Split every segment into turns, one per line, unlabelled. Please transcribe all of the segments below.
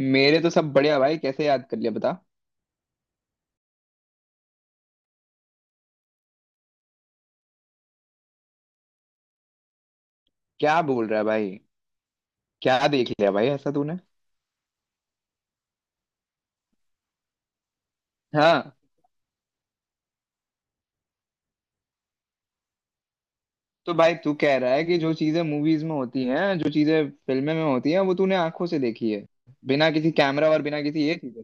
मेरे तो सब बढ़िया भाई। कैसे याद कर लिया बता। क्या बोल रहा है भाई? क्या देख लिया भाई ऐसा तूने? हाँ, तो भाई तू कह रहा है कि जो चीजें मूवीज में होती हैं, जो चीजें फिल्में में होती हैं, वो तूने आंखों से देखी है, बिना किसी कैमरा और बिना किसी ये चीजें।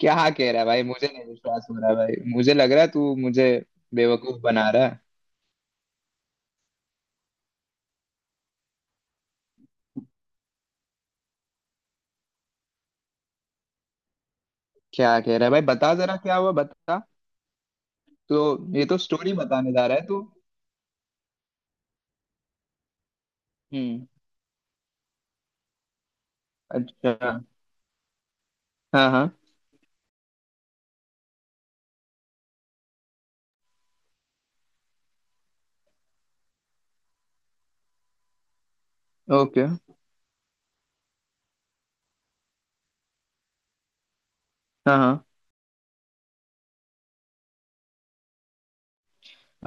क्या कह रहा है भाई? मुझे नहीं विश्वास हो रहा है भाई। मुझे लग रहा है तू मुझे बेवकूफ बना रहा है। क्या कह रहा है भाई? बता जरा, क्या हुआ बता। तो ये तो स्टोरी बताने जा रहा है तू। हम्म। अच्छा। हाँ हाँ। ओके। हाँ हाँ।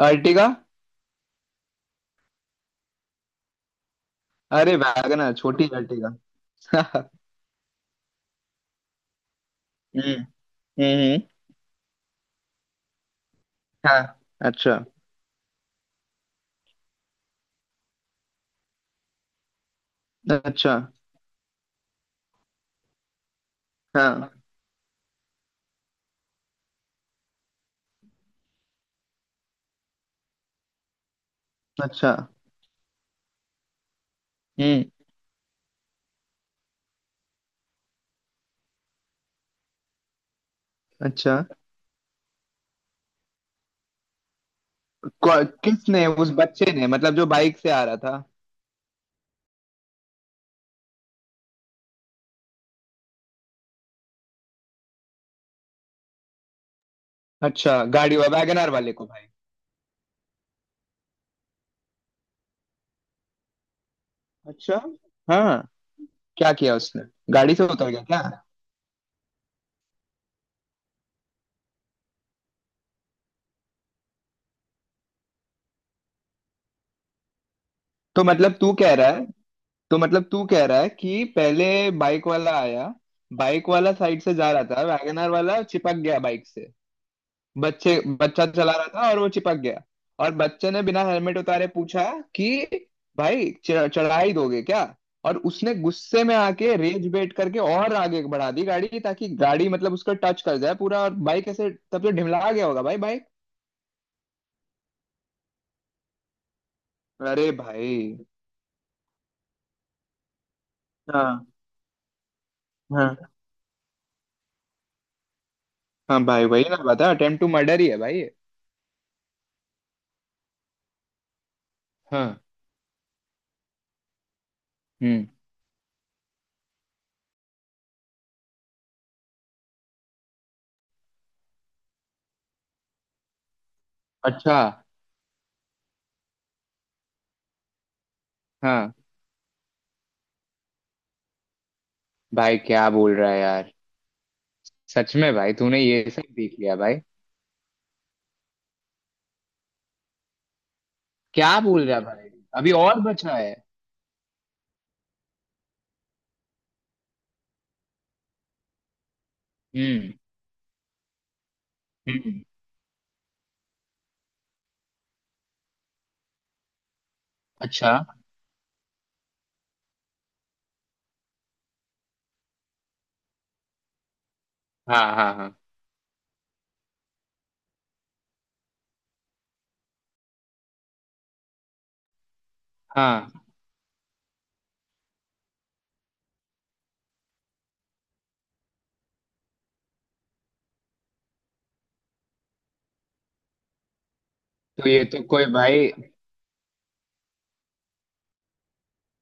अर्टिगा। अरे वैगनर, छोटी अर्टिगा। हम्म। हम्म। हाँ। अच्छा। अच्छा। हाँ। अच्छा। हम्म। अच्छा। किसने? उस बच्चे ने मतलब, जो बाइक से आ रहा था? अच्छा, गाड़ी वैगनर वाले को भाई? अच्छा। हाँ। क्या किया उसने? गाड़ी से उतर गया क्या? तो मतलब तू कह रहा है, तो मतलब तू कह रहा है कि पहले बाइक वाला आया, बाइक वाला साइड से जा रहा था, वैगनर वाला चिपक गया बाइक से। बच्चे बच्चा चला रहा था और वो चिपक गया। और बच्चे ने बिना हेलमेट उतारे पूछा कि भाई चढ़ाई दोगे क्या? और उसने गुस्से में आके रेज बेट करके और आगे बढ़ा दी गाड़ी, ताकि गाड़ी मतलब उसका टच कर जाए पूरा, और बाइक ऐसे तब तो ढिमला गया होगा भाई बाइक। अरे भाई। हाँ हाँ। हाँ भाई, वही ना बता, अटेम्प्ट टू मर्डर ही है भाई ये। हाँ। हम्म। अच्छा। हाँ भाई, क्या बोल रहा है यार? सच में भाई, तूने ये सब देख लिया भाई? क्या बोल रहा है भाई? अभी और बचा है? हम्म। हम्म। अच्छा। हाँ हाँ हाँ। हाँ, तो ये तो कोई भाई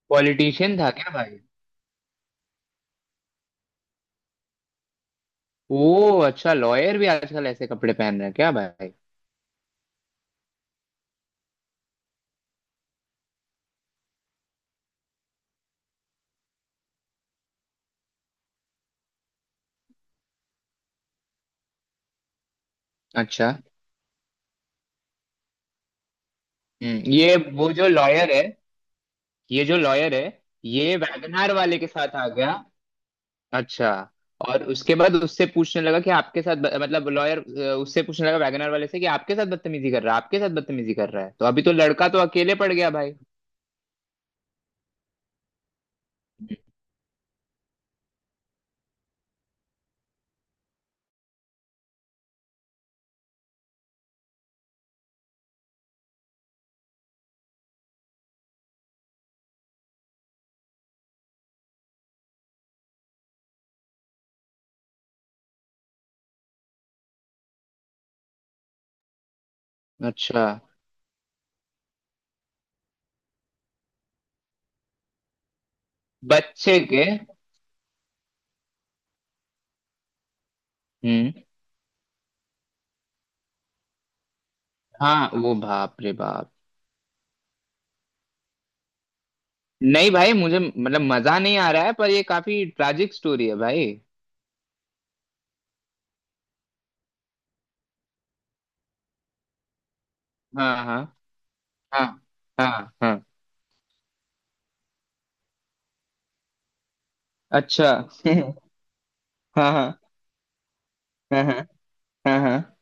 पॉलिटिशियन था क्या भाई? वो अच्छा, लॉयर भी आजकल ऐसे कपड़े पहन रहे हैं क्या भाई? अच्छा। हम्म, ये वो जो लॉयर है, ये जो लॉयर है, ये वैगनार वाले के साथ आ गया? अच्छा। और उसके बाद उससे पूछने लगा कि आपके साथ मतलब लॉयर उससे पूछने लगा वैगनर वाले से कि आपके साथ बदतमीजी कर रहा है, आपके साथ बदतमीजी कर रहा है? तो अभी तो लड़का तो अकेले पड़ गया भाई। अच्छा। बच्चे के? हम्म। हाँ वो, बाप रे बाप। नहीं भाई, मुझे मतलब मजा नहीं आ रहा है, पर ये काफी ट्रैजिक स्टोरी है भाई। हाँ हाँ। हाँ हाँ। हाँ। अच्छा। हाँ हाँ। हाँ हाँ। हाँ हाँ।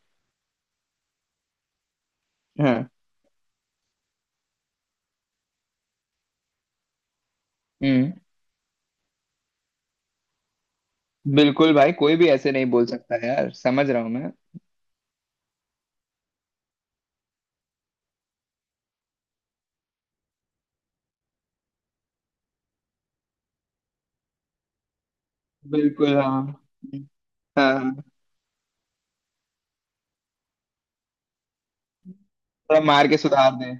हाँ। हम्म। बिल्कुल भाई, कोई भी ऐसे नहीं बोल सकता यार, समझ रहा हूँ मैं। बिल्कुल। हाँ। हाँ हाँ। थोड़ा मार के सुधार दे।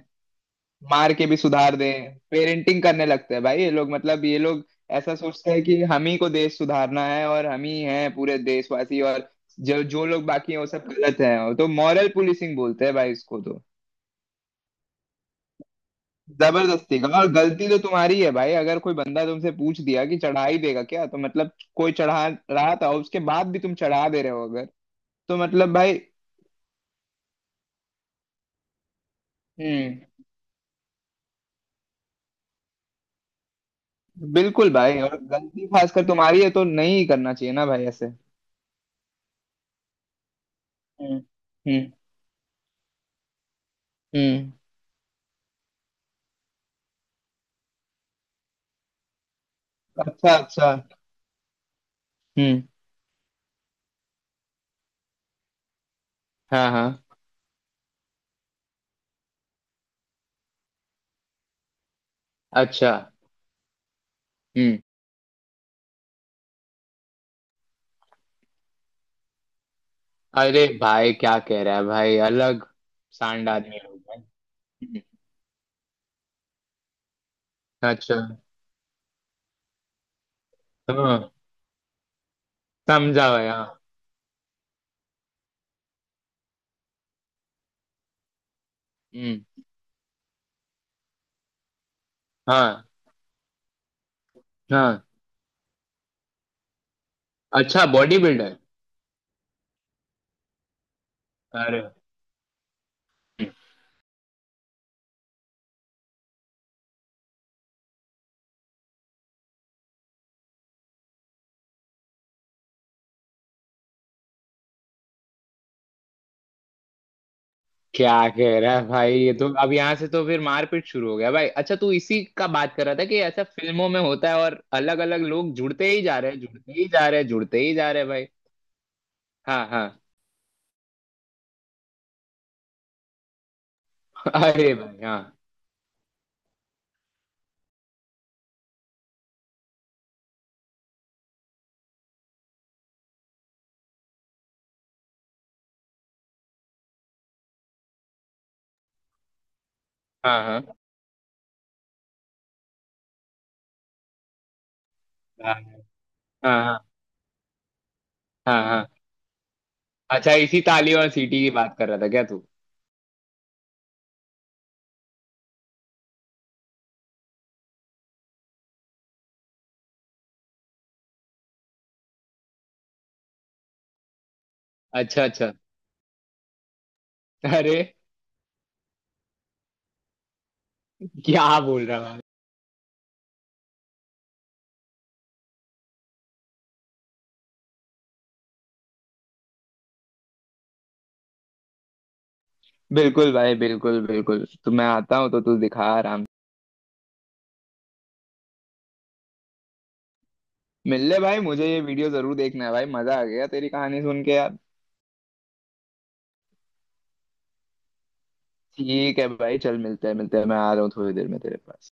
मार के भी सुधार दें, पेरेंटिंग करने लगते हैं भाई ये लोग। मतलब ये लोग ऐसा सोचते हैं कि हम ही को देश सुधारना है, और हम ही हैं पूरे देशवासी, और जो जो लोग बाकी हैं वो सब गलत हैं। तो मॉरल पुलिसिंग बोलते हैं भाई इसको तो। जबरदस्ती का। और गलती तो तुम्हारी है भाई। अगर कोई बंदा तुमसे पूछ दिया कि चढ़ाई देगा क्या, तो मतलब कोई चढ़ा रहा था, उसके बाद भी तुम चढ़ा दे रहे हो अगर, तो मतलब भाई। हम्म। बिल्कुल भाई, और गलती खासकर तुम्हारी है तो नहीं करना चाहिए ना भाई ऐसे। हम्म। हम्म। हम्म। अच्छा। अच्छा। हम्म। हाँ हाँ। अच्छा। हम्म। अरे भाई, क्या कह रहा है भाई? अलग सांड आदमी लोग हैं। हम्म। अच्छा। हाँ। समझा भाई, हाँ। हम्म। हाँ। हाँ। अच्छा, बॉडी बिल्डर। अरे। हम्म। क्या कह रहा है भाई? ये तो अब यहाँ से तो फिर मारपीट शुरू हो गया भाई। अच्छा, तू इसी का बात कर रहा था कि ऐसा फिल्मों में होता है, और अलग अलग लोग जुड़ते ही जा रहे हैं, जुड़ते ही जा रहे हैं, जुड़ते ही जा रहे हैं भाई। हाँ हाँ। अरे भाई, हाँ। हाँ हाँ। हाँ हाँ। हाँ हाँ। अच्छा, इसी ताली और सीटी की बात कर रहा था क्या तू? अच्छा। अच्छा। अरे, क्या बोल रहा है? बिल्कुल भाई, बिल्कुल बिल्कुल। तो मैं आता हूँ तो तू दिखा आराम से। मिल ले भाई, मुझे ये वीडियो जरूर देखना है भाई। मजा आ गया तेरी कहानी सुन के यार। ठीक है भाई, चल मिलते हैं, मिलते हैं। मैं आ रहा हूँ थोड़ी देर में तेरे पास।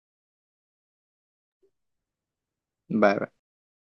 बाय।